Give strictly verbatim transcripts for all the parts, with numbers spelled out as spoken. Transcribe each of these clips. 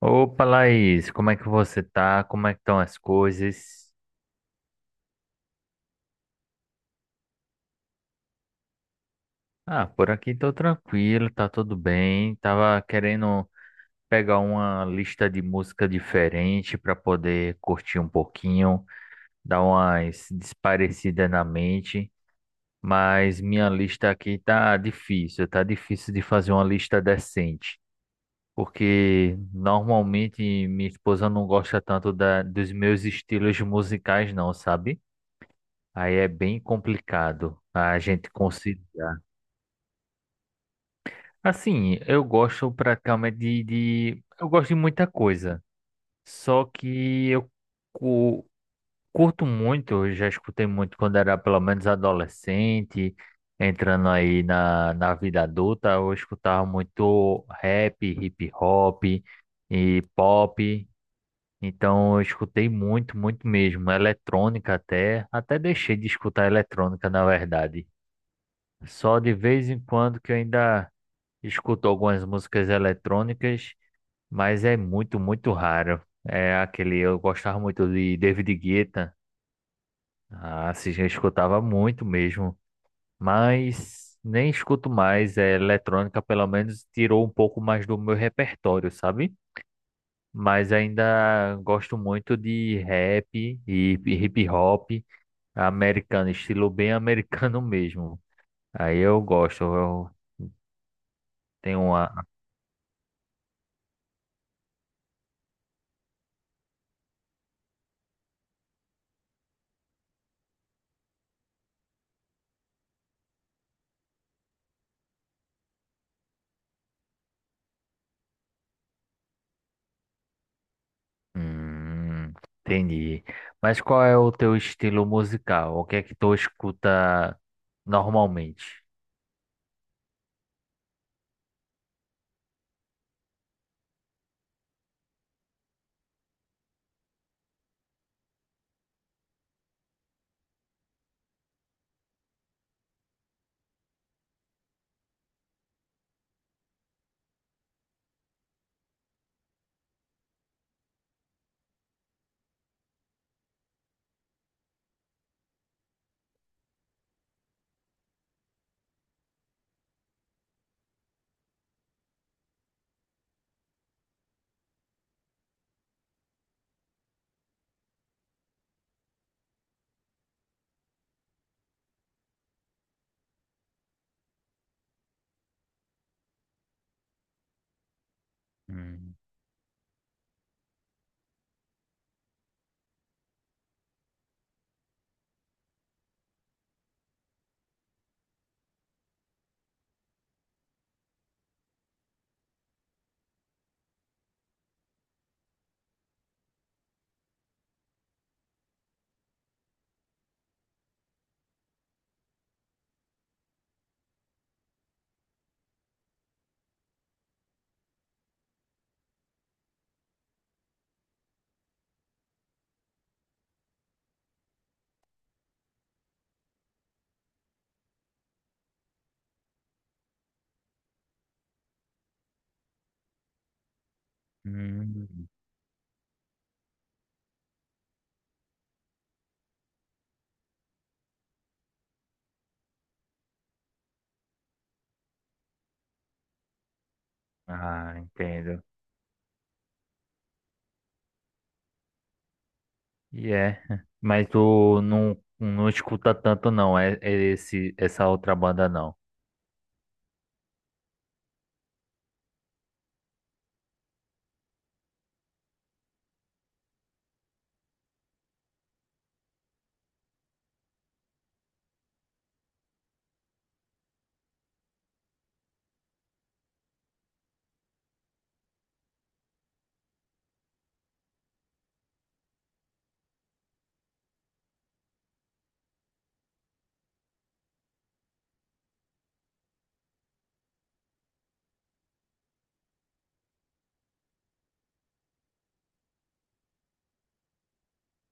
Opa, Laís, como é que você tá? Como é que estão as coisas? Ah, por aqui tô tranquilo, tá tudo bem. Tava querendo pegar uma lista de música diferente para poder curtir um pouquinho, dar umas desparecidas na mente, mas minha lista aqui tá difícil, tá difícil de fazer uma lista decente, porque normalmente minha esposa não gosta tanto da, dos meus estilos musicais, não, sabe? Aí é bem complicado a gente conciliar. Assim, eu gosto praticamente de, de- Eu gosto de muita coisa. Só que eu cu- curto muito, eu já escutei muito quando era pelo menos adolescente, entrando aí na, na vida adulta, eu escutava muito rap, hip hop e pop. Então eu escutei muito, muito mesmo. Eletrônica até. Até deixei de escutar eletrônica, na verdade. Só de vez em quando que eu ainda escuto algumas músicas eletrônicas, mas é muito, muito raro. É aquele, eu gostava muito de David Guetta, ah, assim, eu escutava muito mesmo, mas nem escuto mais. É, eletrônica, pelo menos, tirou um pouco mais do meu repertório, sabe? Mas ainda gosto muito de rap e hip hop americano, estilo bem americano mesmo. Aí eu gosto, eu tenho uma. Hum, entendi. Mas qual é o teu estilo musical? O que é que tu escuta normalmente? Hum. Hum. Ah, entendo. E é, mas tu não, não escuta tanto não, é, é esse, essa outra banda não.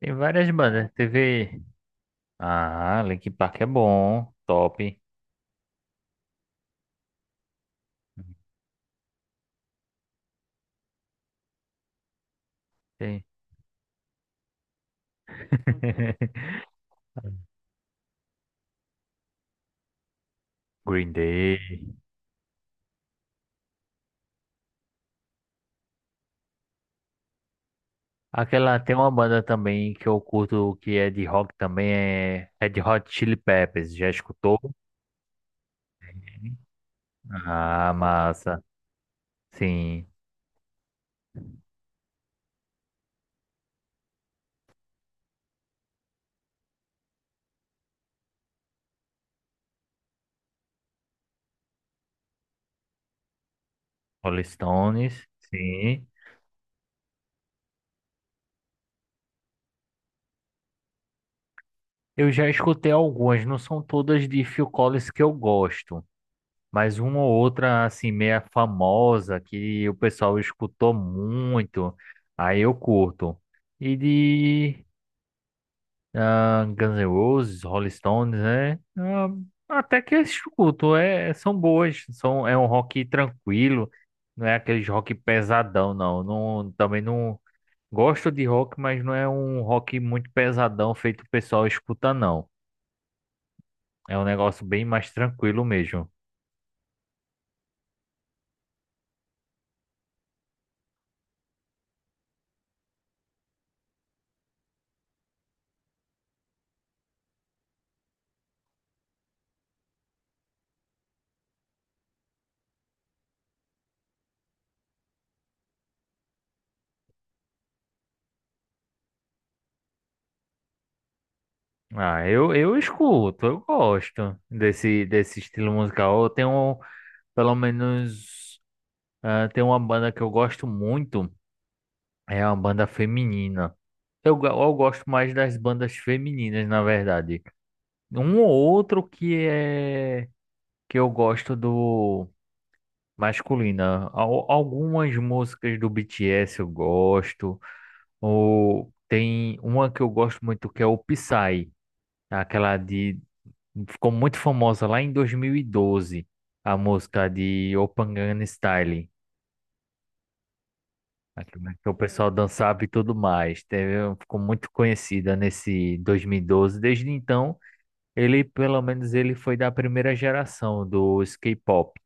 Tem várias bandas, teve. Ah, Linkin Park é bom, top. Tem Green Day. Aquela tem uma banda também que eu curto que é de rock também, é Red Hot Chili Peppers. Já escutou? Sim. Ah, massa. Sim. Rolling Stones. Sim. Eu já escutei algumas, não são todas de Phil Collins que eu gosto, mas uma ou outra assim meia famosa que o pessoal escutou muito. Aí eu curto. E de. Ah, Guns N' Roses, Rolling Stones, né? Ah, até que eu escuto, é, são boas, são, é um rock tranquilo, não é aquele rock pesadão, não. Não, também não gosto de rock, mas não é um rock muito pesadão feito o pessoal escuta, não. É um negócio bem mais tranquilo mesmo. Ah, eu, eu escuto, eu gosto desse, desse estilo musical. Eu tenho, pelo menos, ah, tem uma banda que eu gosto muito. É uma banda feminina. Eu, go- eu gosto mais das bandas femininas, na verdade. Um ou outro que é que eu gosto do masculina. Al- algumas músicas do B T S eu gosto. Ou tem uma que eu gosto muito que é o Psy, aquela de ficou muito famosa lá em dois mil e doze, a música de Open Gangnam Style. Aquilo que o pessoal dançava e tudo mais. Teve, ficou muito conhecida nesse dois mil e doze. Desde então, ele, pelo menos, ele foi da primeira geração dos K-pop.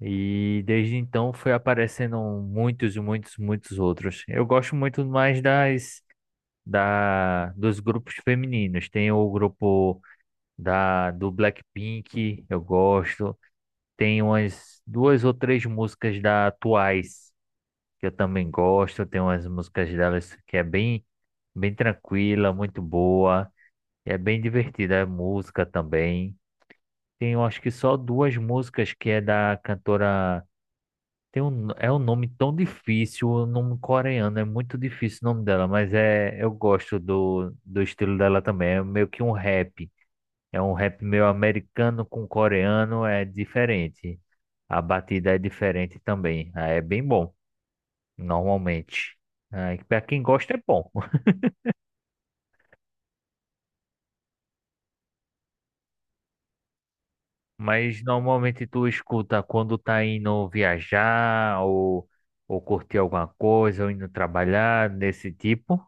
E desde então foi aparecendo muitos, muitos, muitos outros. Eu gosto muito mais das da dos grupos femininos. Tem o grupo da do Blackpink, eu gosto. Tem umas duas ou três músicas da Twice que eu também gosto. Tem umas músicas delas que é bem, bem tranquila, muito boa. É bem divertida a música também. Tem, eu acho que só duas músicas que é da cantora. Tem um, é um nome tão difícil, o nome coreano, é muito difícil o nome dela, mas é, eu gosto do, do estilo dela também. É meio que um rap. É um rap meio americano com coreano, é diferente. A batida é diferente também. Ah, é bem bom normalmente. Ah, para quem gosta é bom, mas normalmente tu escuta quando tá indo viajar ou, ou, curtir alguma coisa ou indo trabalhar desse tipo.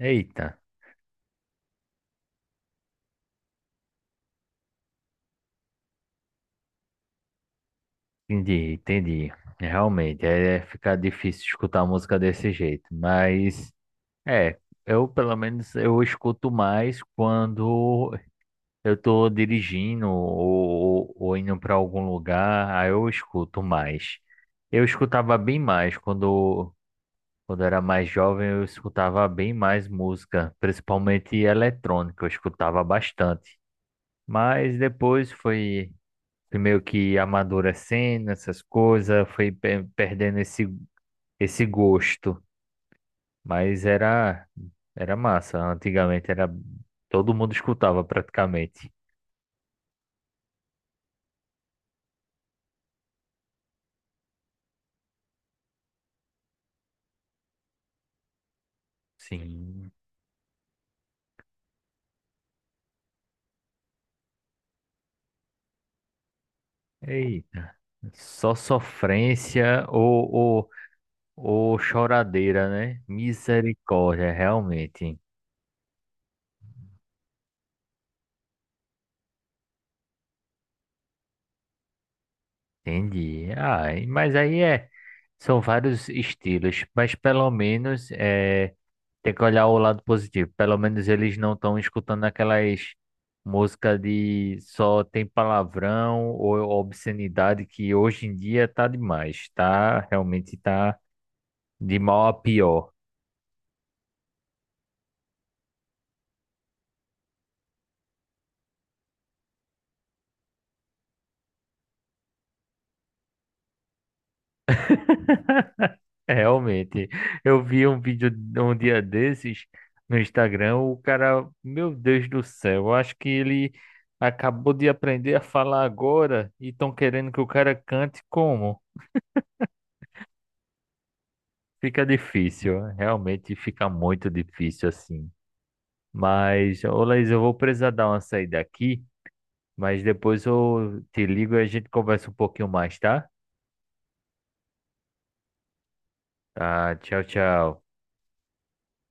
Eita, entendi, entendi. Realmente, é é ficar difícil escutar música desse jeito, mas é, eu pelo menos eu escuto mais quando eu tô dirigindo ou, ou- ou indo para algum lugar, aí eu escuto mais. Eu escutava bem mais quando, quando era mais jovem, eu escutava bem mais música, principalmente eletrônica, eu escutava bastante. Mas depois foi, fui meio que amadurecendo essas coisas, foi pe- perdendo esse, esse gosto. Mas era, era massa, antigamente era todo mundo escutava praticamente. Sim. Eita, só sofrência ou, ou, ou choradeira, né? Misericórdia, realmente. Entendi. Ah, e- mas aí é, são vários estilos, mas pelo menos é, tem que olhar o lado positivo. Pelo menos eles não estão escutando aquelas músicas de só tem palavrão ou obscenidade que hoje em dia tá demais, tá? Realmente tá de mal a pior. É, realmente, eu vi um vídeo um dia desses no Instagram, o cara, meu Deus do céu, eu acho que ele acabou de aprender a falar agora e estão querendo que o cara cante como? Fica difícil, realmente fica muito difícil assim. Mas, ô Laís, eu vou precisar dar uma saída aqui, mas depois eu te ligo e a gente conversa um pouquinho mais, tá? Tá, tchau, tchau.